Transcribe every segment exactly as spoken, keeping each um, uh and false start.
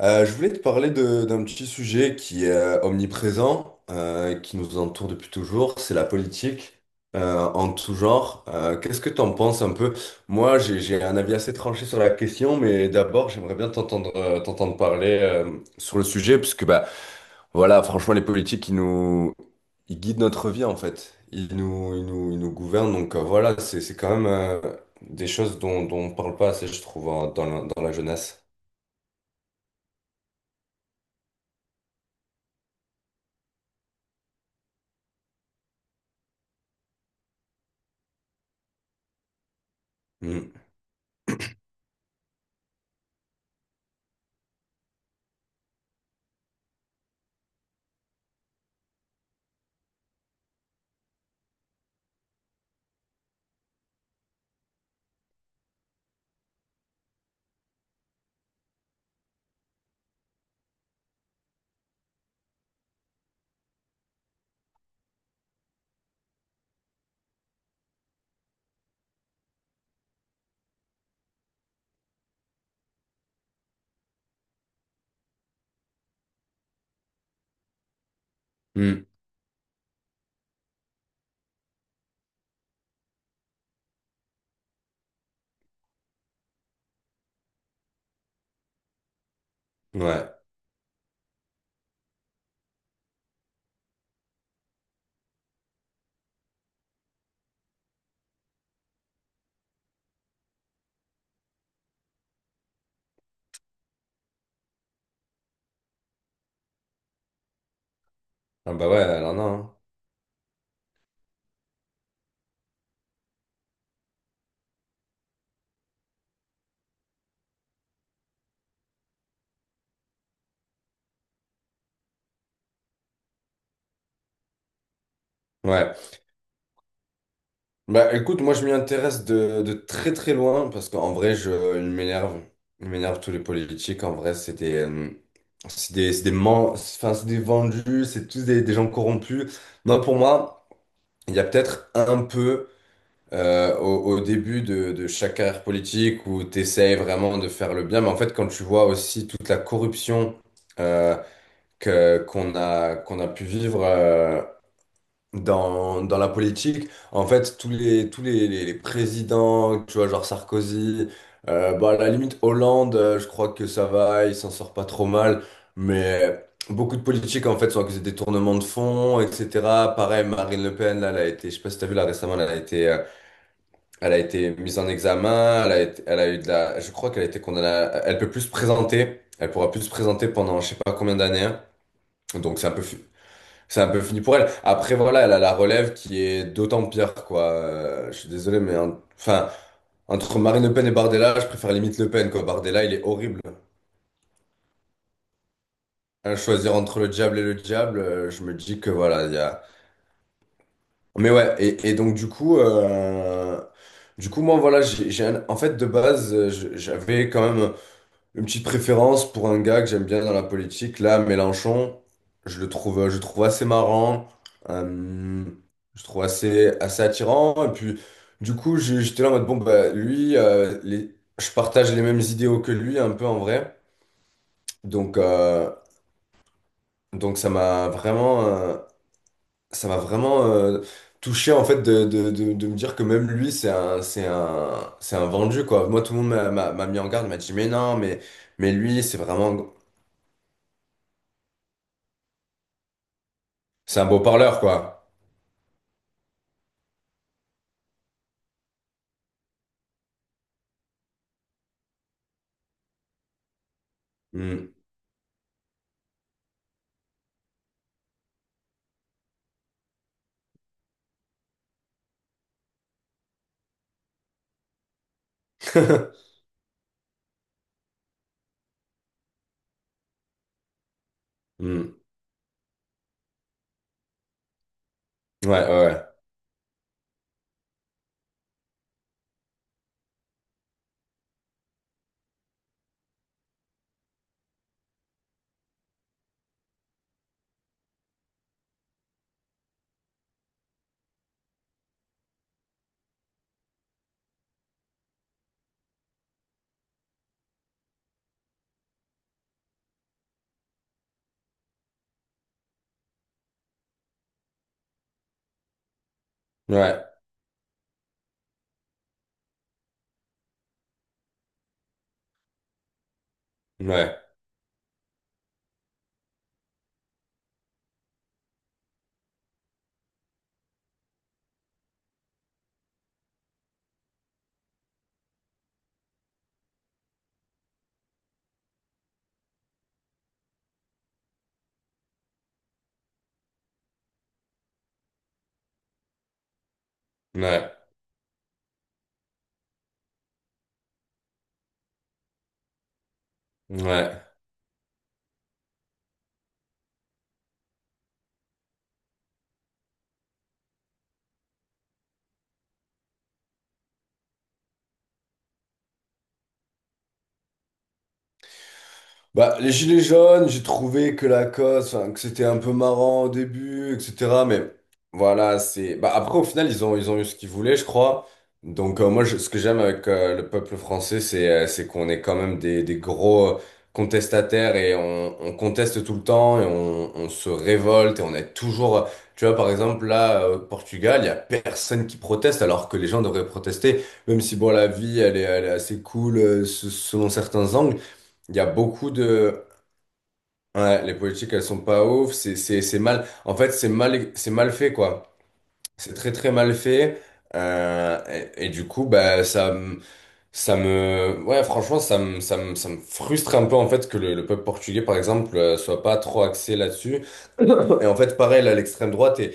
Euh, je voulais te parler de- d'un petit sujet qui est euh, omniprésent, euh, qui nous entoure depuis toujours, c'est la politique euh, en tout genre. Euh, qu'est-ce que t'en penses un peu? Moi, j'ai, j'ai un avis assez tranché sur la question, mais d'abord, j'aimerais bien t'entendre euh, t'entendre parler euh, sur le sujet, puisque bah, voilà, franchement, les politiques, ils nous, ils guident notre vie en fait. Ils nous, ils nous, ils nous gouvernent. Donc euh, voilà, c'est, c'est quand même euh, des choses dont, dont on parle pas assez, je trouve, en- dans la, dans la jeunesse. Mm. Mm. Ouais. Ah bah ouais, alors non. Ouais. Bah écoute, moi je m'y intéresse de, de très très loin parce qu'en vrai, je, ils m'énerve. Ils m'énerve tous les politiques. En vrai, c'est des, euh, c'est des, c'est des, men- enfin, c'est des vendus, c'est tous des, des gens corrompus. Non, pour moi, il y a peut-être un peu euh, au, au début de, de chaque carrière politique où tu essayes vraiment de faire le bien. Mais en fait, quand tu vois aussi toute la corruption euh, que, qu'on a, qu'on a pu vivre. euh, dans, dans la politique, en fait, tous les, tous les, les- les présidents, tu vois, genre Sarkozy, euh, bah, à la limite Hollande, euh, je crois que ça va, il s'en sort pas trop mal, mais beaucoup de politiques, en fait, sont accusés de détournement de fonds, et cetera. Pareil, Marine Le Pen, là, elle a été, je sais pas si t'as vu, là, récemment, elle a été, euh, elle a été mise en examen, elle a été- elle a eu de la, je crois qu'elle a été condamnée, à- elle peut plus se présenter, elle pourra plus se présenter pendant je sais pas combien d'années, hein. Donc c'est un peu, fu- c'est un peu fini pour elle. Après, voilà, elle a la relève qui est d'autant pire, quoi. Euh, je suis désolé, mais un- enfin, entre Marine Le Pen et Bardella, je préfère limite Le Pen, quoi. Bardella, il est horrible. À choisir entre le diable et le diable, euh, je me dis que voilà, il y a. Mais ouais, et, et donc du coup, euh, du coup, moi, voilà, j'ai, j'ai un- en fait, de base, euh, je- j'avais quand même. Une petite préférence pour un gars que j'aime bien dans la politique. Là, Mélenchon, je le trouve, je le trouve assez marrant. euh, je le trouve assez, assez attirant. Et puis, du coup, j'ai- j'étais là en mode, bon, bah, lui, euh, les- je partage les mêmes idéaux que lui, un peu en vrai. Donc, euh, donc ça m'a vraiment, euh, ça m'a vraiment euh, touché, en fait, de, de, de, de me dire que même lui, c'est un, c'est un, c'est un vendu, quoi. Moi, tout le monde m'a m'a- m'a mis en garde, m'a dit, mais non, mais. Mais lui, c'est vraiment. C'est un beau parleur, quoi. Hmm. Hmm. Ouais, ouais, ouais, ouais, ouais, ouais. Bah, les gilets jaunes, j'ai trouvé que la cause, enfin, que c'était un peu marrant au début, et cetera. Mais voilà, c'est. Bah, après, au final, ils ont, ils ont eu ce qu'ils voulaient, je crois. Donc, euh, moi, je- ce que j'aime avec euh, le peuple français, c'est euh, c'est qu'on est quand même des, des gros euh, contestataires et on, on conteste tout le temps et on, on se révolte et on est toujours. Tu vois, par exemple, là, euh, au Portugal, il y a personne qui proteste alors que les gens devraient protester, même si, bon, la vie, elle est, elle est assez cool euh, se- selon certains angles. Il y a beaucoup de... Ouais, les politiques, elles sont pas ouf, c'est c'est- c'est mal... En fait, c'est mal, c'est mal fait, quoi. C'est très, très mal fait. Euh, et, et du coup, bah, ça, me- ça me... Ouais, franchement, ça me, ça me, ça me frustre un peu, en fait, que le, le peuple portugais, par exemple, euh, soit pas trop axé là-dessus. Et en fait, pareil, là, l'extrême droite, et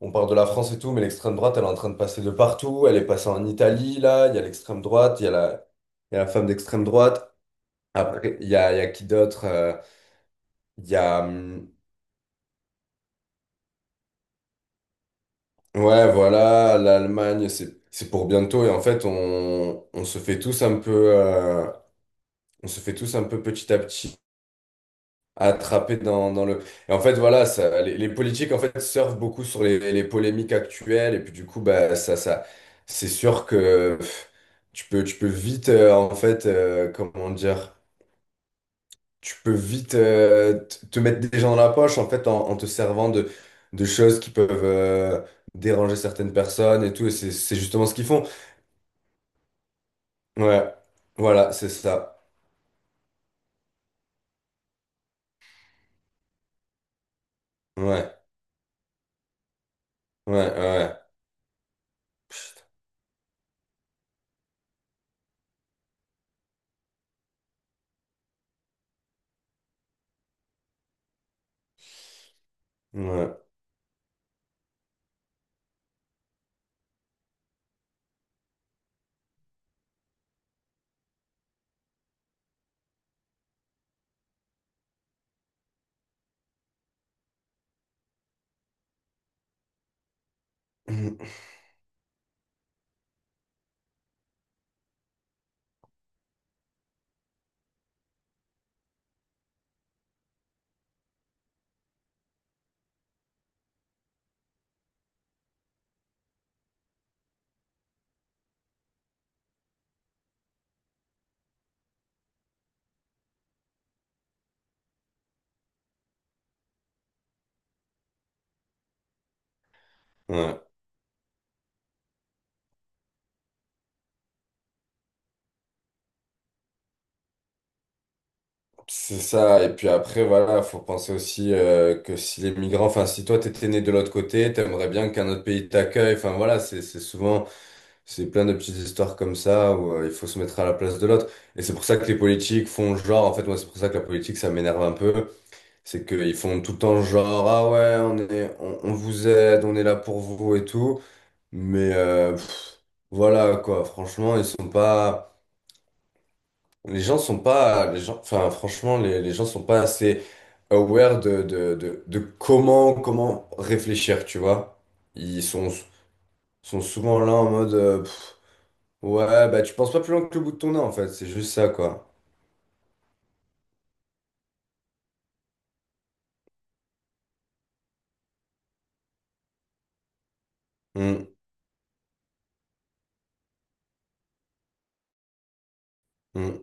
on parle de la France et tout, mais l'extrême droite, elle est en train de passer de partout. Elle est passée en Italie, là, il y a l'extrême droite, il y a la, il y a la femme d'extrême droite. Après, il y a, il y a qui d'autre? Euh, Il y a, hum, ouais, voilà, l'Allemagne, c'est, c'est pour bientôt. Et en fait, on, on se fait tous un peu, euh, on se fait tous un peu petit à petit attraper dans, dans le. Et en fait, voilà, ça, les, les politiques, en fait, surfent beaucoup sur les, les polémiques actuelles. Et puis, du coup, bah, ça, ça, c'est sûr que pff, tu peux, tu peux vite, euh, en fait, euh, comment dire. Tu peux vite euh, t- te mettre des gens dans la poche en fait en, en te servant de, de choses qui peuvent euh, déranger certaines personnes et tout et c'est c'est justement ce qu'ils font. Ouais, voilà, c'est ça. Ouais, ouais, ouais, ouais. Ouais, c'est ça. Et puis après, voilà, faut penser aussi euh, que si les migrants, enfin, si toi, t'étais né de l'autre côté, t'aimerais bien qu'un autre pays t'accueille. Enfin, voilà, c'est c'est souvent. C'est plein de petites histoires comme ça où euh, il faut se mettre à la place de l'autre. Et c'est pour ça que les politiques font genre, en fait, moi, c'est pour ça que la politique, ça m'énerve un peu. C'est qu'ils font tout le temps genre, ah ouais, on est, on, on vous aide, on est là pour vous et tout. Mais euh, pff, voilà, quoi, franchement, ils sont pas. Les gens sont pas. Les gens, enfin, franchement, les, les gens sont pas assez aware de, de, de, de comment, comment réfléchir, tu vois. Ils sont, sont souvent là en mode. Euh, pff, Ouais, bah tu penses pas plus loin que le bout de ton nez en fait, c'est juste ça quoi. Mm, mm,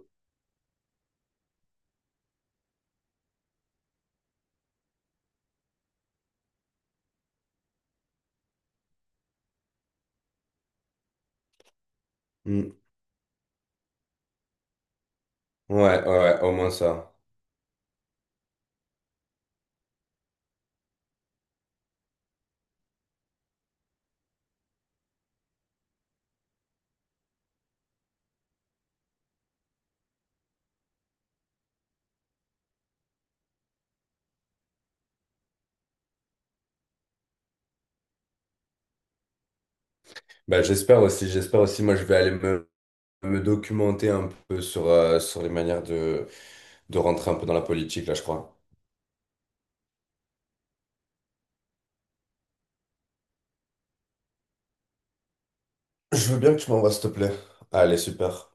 mm. Ouais, ouais, ouais, au moins ça. Bah j'espère aussi, j'espère aussi, moi je vais aller me, me documenter un peu sur, euh, sur les manières de, de rentrer un peu dans la politique là, je crois. Je veux bien que tu m'envoies s'il te plaît. Allez, super.